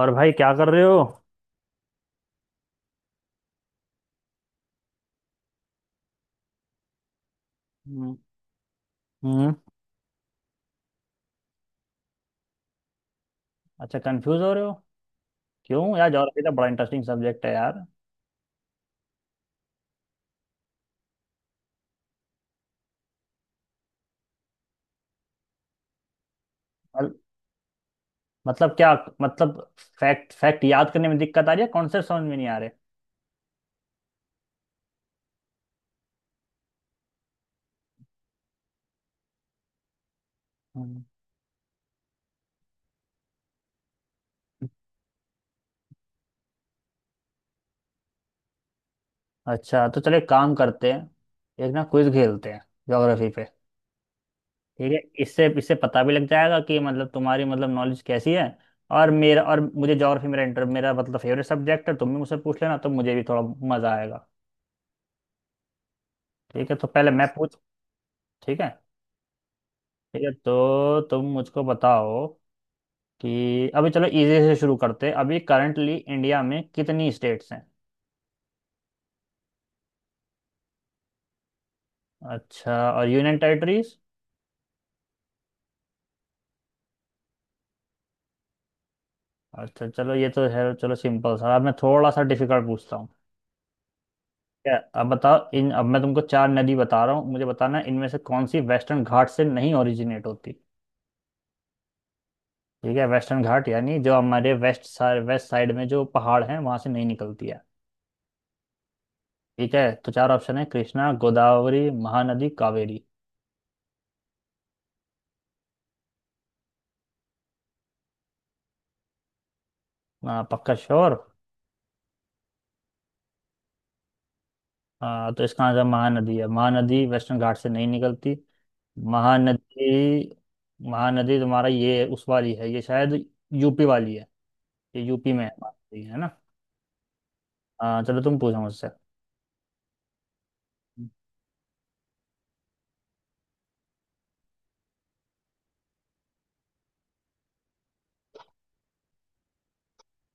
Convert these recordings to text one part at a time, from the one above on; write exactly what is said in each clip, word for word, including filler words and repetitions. और भाई क्या कर रहे हो? हम्म, हम्म। अच्छा, कंफ्यूज हो रहे हो? क्यों यार, ज्योग्राफी तो बड़ा इंटरेस्टिंग सब्जेक्ट है यार। मल- मतलब क्या? मतलब फैक्ट फैक्ट याद करने में दिक्कत आ रही है, कॉन्सेप्ट समझ में नहीं आ रहे? हम्म। अच्छा, तो चलो एक काम करते हैं। एक ना क्विज खेलते हैं ज्योग्राफी पे, ठीक है? इससे इससे पता भी लग जाएगा कि मतलब तुम्हारी मतलब नॉलेज कैसी है। और मेरा और मुझे ज्योग्राफी मेरा इंटर मेरा मतलब फेवरेट सब्जेक्ट है। तुम भी मुझसे पूछ लेना तो मुझे भी थोड़ा मजा आएगा। ठीक है, तो पहले मैं पूछ। ठीक है। ठीक है, तो तुम मुझको बताओ कि अभी चलो इजी से शुरू करते हैं। अभी करंटली इंडिया में कितनी स्टेट्स हैं? अच्छा, और यूनियन टेरिटरीज? अच्छा, चलो ये तो है। चलो सिंपल सा। अब मैं थोड़ा सा डिफिकल्ट पूछता हूँ, ठीक है? अब बताओ इन, अब मैं तुमको चार नदी बता रहा हूँ, मुझे बताना है इनमें से कौन सी वेस्टर्न घाट से नहीं ओरिजिनेट होती। ठीक है? वेस्टर्न घाट यानी जो हमारे वेस्ट साइड, वेस्ट साइड में जो पहाड़ हैं वहां से नहीं निकलती है, ठीक है? तो चार ऑप्शन है, कृष्णा, गोदावरी, महानदी, कावेरी। आ, पक्का श्योर? हाँ, तो इसका आंसर महानदी है, महानदी वेस्टर्न घाट से नहीं निकलती। महानदी, महानदी तुम्हारा ये उस वाली है, ये शायद यूपी वाली है। ये यूपी में है महानदी, है ना? हाँ, चलो तुम पूछो मुझसे।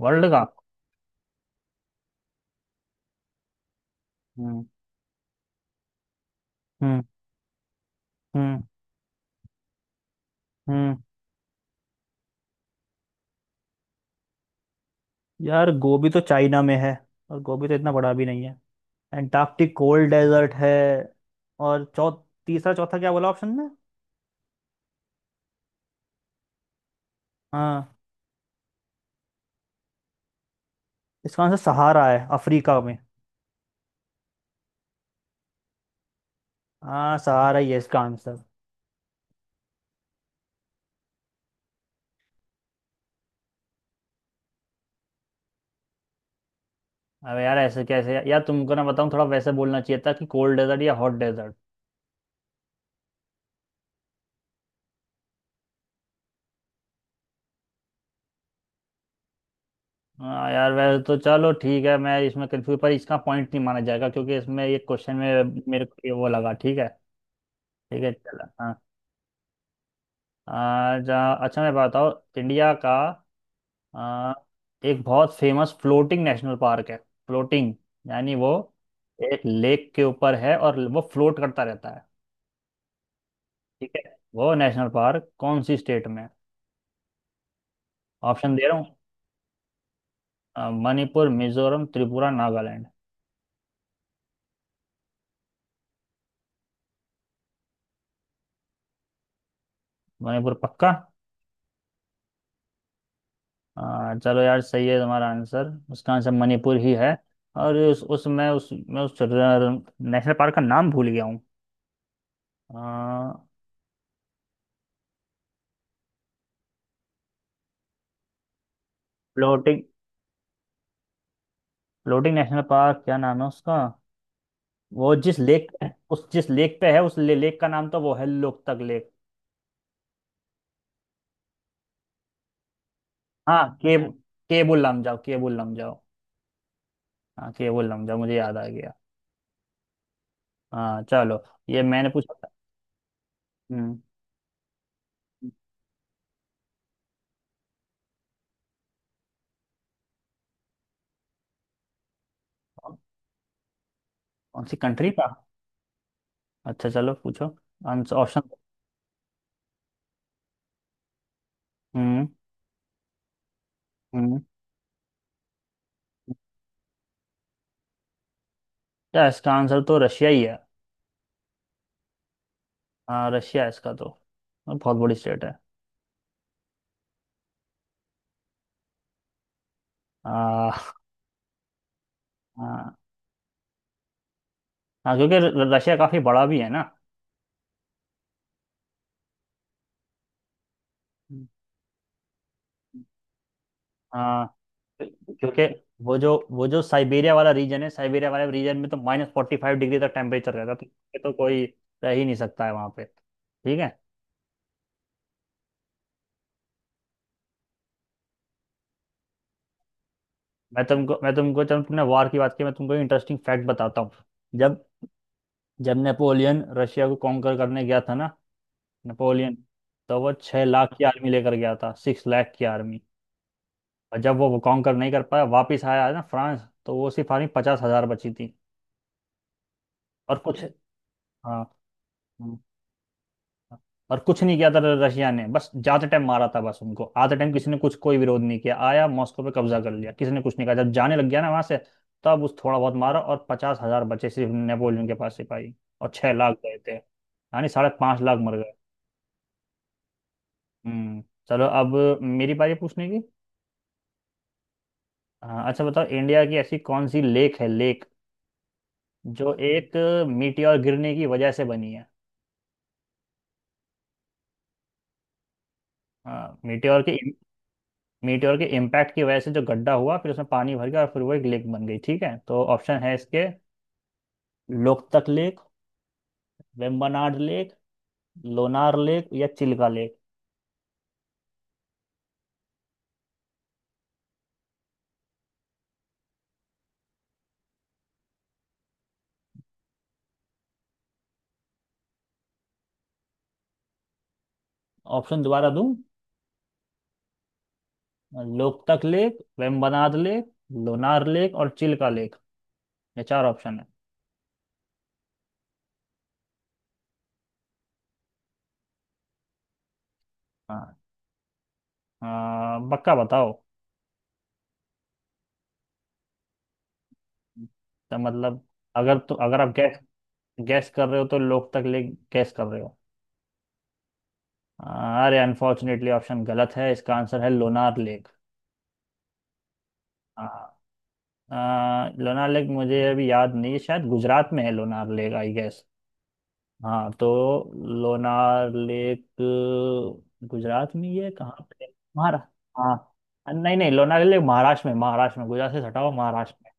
वर्ल्ड का? हम्म। हम्म। हम्म। हम्म। यार, गोभी तो चाइना में है, और गोभी तो इतना बड़ा भी नहीं है। एंटार्क्टिक कोल्ड डेजर्ट है। और चौ, तीसरा चौथा क्या बोला ऑप्शन में? हाँ, इसका आंसर सहारा है, अफ्रीका में। हाँ, सहारा ही है इसका आंसर। अबे यार, ऐसे कैसे? या, यार तुमको ना बताऊँ, थोड़ा वैसे बोलना चाहिए था कि कोल्ड डेजर्ट या हॉट डेजर्ट। हाँ यार, वैसे तो चलो ठीक है, मैं इसमें कंफ्यूज, पर इसका पॉइंट नहीं माना जाएगा क्योंकि इसमें ये क्वेश्चन में मेरे को ये वो लगा, ठीक है? ठीक है, चलो हाँ। आ, जा, अच्छा मैं बताओ, इंडिया का, आ, एक बहुत फेमस फ्लोटिंग नेशनल पार्क है। फ्लोटिंग यानी वो एक लेक के ऊपर है और वो फ्लोट करता रहता है, ठीक है? वो नेशनल पार्क कौन सी स्टेट में है? ऑप्शन दे रहा हूँ। अ, मणिपुर, मिजोरम, त्रिपुरा, नागालैंड। मणिपुर पक्का? अ, चलो यार, सही है तुम्हारा आंसर, उसका आंसर मणिपुर ही है। और उस उस मैं उस मैं उस नेशनल पार्क का नाम भूल गया हूँ। फ्लोटिंग, फ्लोटिंग नेशनल पार्क क्या नाम है उसका? वो जिस लेक, उस जिस लेक पे है उस ले, लेक का नाम तो वो है लोकतक लेक। हाँ, केब केबुल लमजाओ, केबुल लमजाओ। हाँ, केबुल लमजाओ, मुझे याद आ गया। हाँ, चलो। ये मैंने पूछा था। हम्म। कौन सी कंट्री का? अच्छा, चलो पूछो। Answer option. हम्म। हम्म। क्या, इसका आंसर तो रशिया ही है। हाँ, रशिया है इसका तो। बहुत बड़ी स्टेट है। हाँ। हाँ। हाँ, क्योंकि र- रशिया काफी बड़ा भी है ना? हम्म। हाँ, क्योंकि वो जो वो जो साइबेरिया वाला रीजन है, साइबेरिया वाले रीजन में तो माइनस फोर्टी फाइव डिग्री तक टेम्परेचर रहता है, तो ये तो कोई रह ही नहीं सकता है वहाँ पे, ठीक है? मैं तुमको मैं तुमको जब तुमने वार की बात की, मैं तुमको इंटरेस्टिंग फैक्ट बताता हूँ। जब जब नेपोलियन रशिया को कॉन्कर करने गया था ना, नेपोलियन, तो वो छह लाख की आर्मी लेकर गया था, सिक्स लाख की आर्मी। और जब वो कॉन्कर नहीं कर पाया, वापस आया ना फ्रांस, तो वो सिर्फ आर्मी पचास हजार बची थी। और कुछ, हाँ। हाँ। हाँ। और कुछ नहीं किया था रशिया ने, बस जाते टाइम मारा था बस उनको। आते टाइम किसी ने कुछ कोई विरोध नहीं किया, आया मॉस्को पे कब्जा कर लिया, किसी ने कुछ नहीं कहा। जब जाने लग गया ना वहां से, तब उस थोड़ा बहुत मारा और पचास हजार बचे सिर्फ नेपोलियन के पास सिपाही। और छह लाख गए थे, यानी साढ़े पांच लाख मर गए। हम्म। चलो, अब मेरी बारी है पूछने की। हाँ, अच्छा बताओ, इंडिया की ऐसी कौन सी लेक है, लेक जो एक मीटियोर गिरने की वजह से बनी है। हाँ, मीटियोर के, मीटियोर के इम्पैक्ट की वजह से जो गड्ढा हुआ, फिर उसमें पानी भर गया और फिर वो एक लेक बन गई, ठीक है? तो ऑप्शन है इसके, Loktak lake, Vembanad lake, Lonar lake या चिल्का लेक। ऑप्शन दोबारा दूं? Loktak lake, Vembanad lake, Lonar lake और चिल्का लेक। ये चार ऑप्शन है। हाँ। हाँ, पक्का बताओ? तो मतलब, अगर तो अगर आप गैस कर रहे हो, तो लोग तक लेक गैस कर रहे हो। आ, अरे, अनफॉर्चुनेटली ऑप्शन गलत है, इसका आंसर है लोनार लेक। हाँ। अ, लोनार लेक मुझे अभी याद नहीं है, शायद गुजरात में है लोनार लेक, आई गेस। हाँ तो लोनार लेक गुजरात में ही है, कहाँ पे है? महाराष्ट्र। हाँ। अ, नहीं नहीं, लोनार लेक महाराष्ट्र में, महाराष्ट्र में, गुजरात से सटा हुआ महाराष्ट्र में।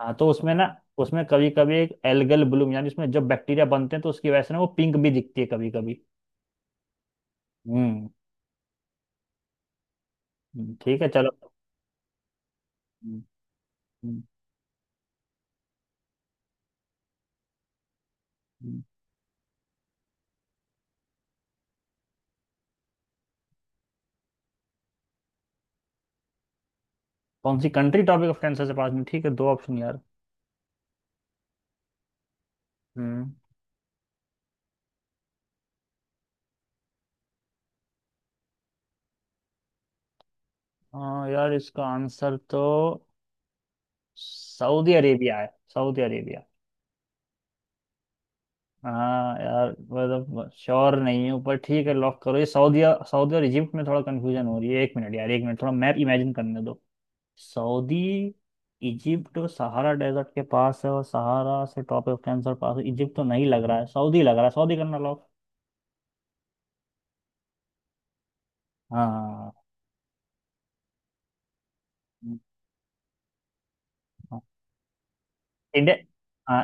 हाँ, तो उसमें ना, उसमें कभी कभी एक एल्गल ब्लूम, यानी उसमें जब बैक्टीरिया बनते हैं तो उसकी वजह से ना वो पिंक भी दिखती है कभी कभी। हम्म। ठीक है, चलो। हम्म, हम्म, हम्म। कौन सी कंट्री टॉपिक ऑफ कैंसर से पास में, ठीक है, दो ऑप्शन यार। हम्म। हाँ यार, इसका आंसर तो सऊदी अरेबिया है। Saudi Arabia. हाँ यार, मतलब श्योर नहीं हूँ, पर ठीक है, लॉक करो ये सऊदी। सऊदी और इजिप्ट में थोड़ा कंफ्यूजन हो रही है, एक मिनट यार, एक मिनट, थोड़ा मैप इमेजिन करने दो। सऊदी, इजिप्ट सहारा डेजर्ट के पास है, और सहारा से टॉपिक ऑफ कैंसर पास है। इजिप्ट तो नहीं लग रहा है, सऊदी लग रहा है, सऊदी करना लॉक। हाँ। इंडिया। हाँ,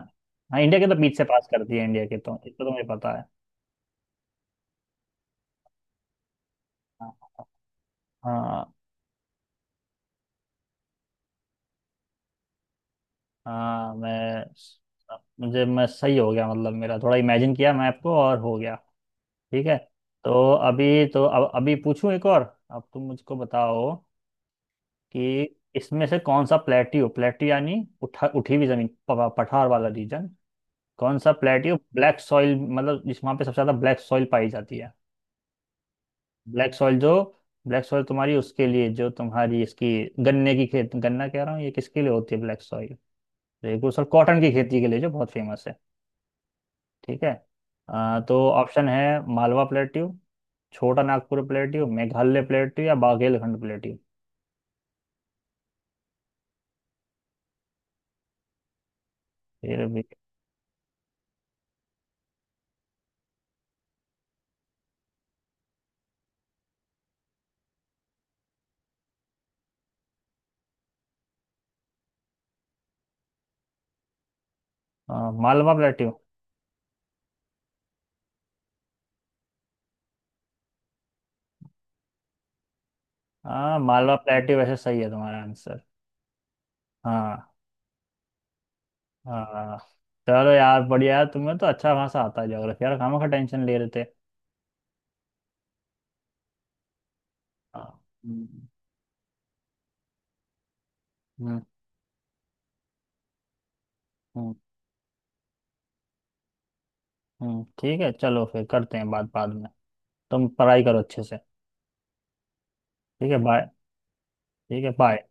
हाँ इंडिया के तो बीच से पास कर दिए इंडिया के तो, इसको तो मुझे पता है। हाँ। हाँ। हाँ, मैं, मुझे, मैं सही हो गया, मतलब मेरा थोड़ा इमेजिन किया मैं आपको और हो गया। ठीक है। तो अभी तो, अब अभी पूछूं एक और, अब तुम मुझको बताओ कि इसमें से कौन सा प्लेट्यू, प्लेट्यू यानी उठा, उठी हुई जमीन, प- पठार वाला रीजन, कौन सा प्लेट्यू ब्लैक सॉइल, मतलब जिस वहाँ पे सबसे ज़्यादा ब्लैक सॉइल पाई जाती है। ब्लैक सॉइल जो, ब्लैक सॉइल तुम्हारी उसके लिए जो तुम्हारी इसकी गन्ने की खेत, गन्ना कह रहा हूँ, ये किसके लिए होती है ब्लैक सॉइल, तो एक दूसरा कॉटन की खेती के लिए जो बहुत फेमस है। ठीक है, अ, तो ऑप्शन है, Malwa plateau, Chota Nagpur plateau, Meghalaya plateau या बाघेलखंड प्लेट्यू। फिर भी? अ, मालवा प्लेट्यू? हाँ, मालवा प्लेट्यू, वैसे सही है तुम्हारा आंसर। हाँ। हाँ चलो यार, बढ़िया है, तुम्हें तो अच्छा खासा आता है ज्योग्राफी यार, खामा खा टेंशन ले रहे थे। हाँ, हम्म। हम्म, हम्म। हम्म, ठीक है, चलो फिर करते हैं बात बाद में। तुम पढ़ाई करो अच्छे से। ठीक है, बाय। ठीक है, बाय।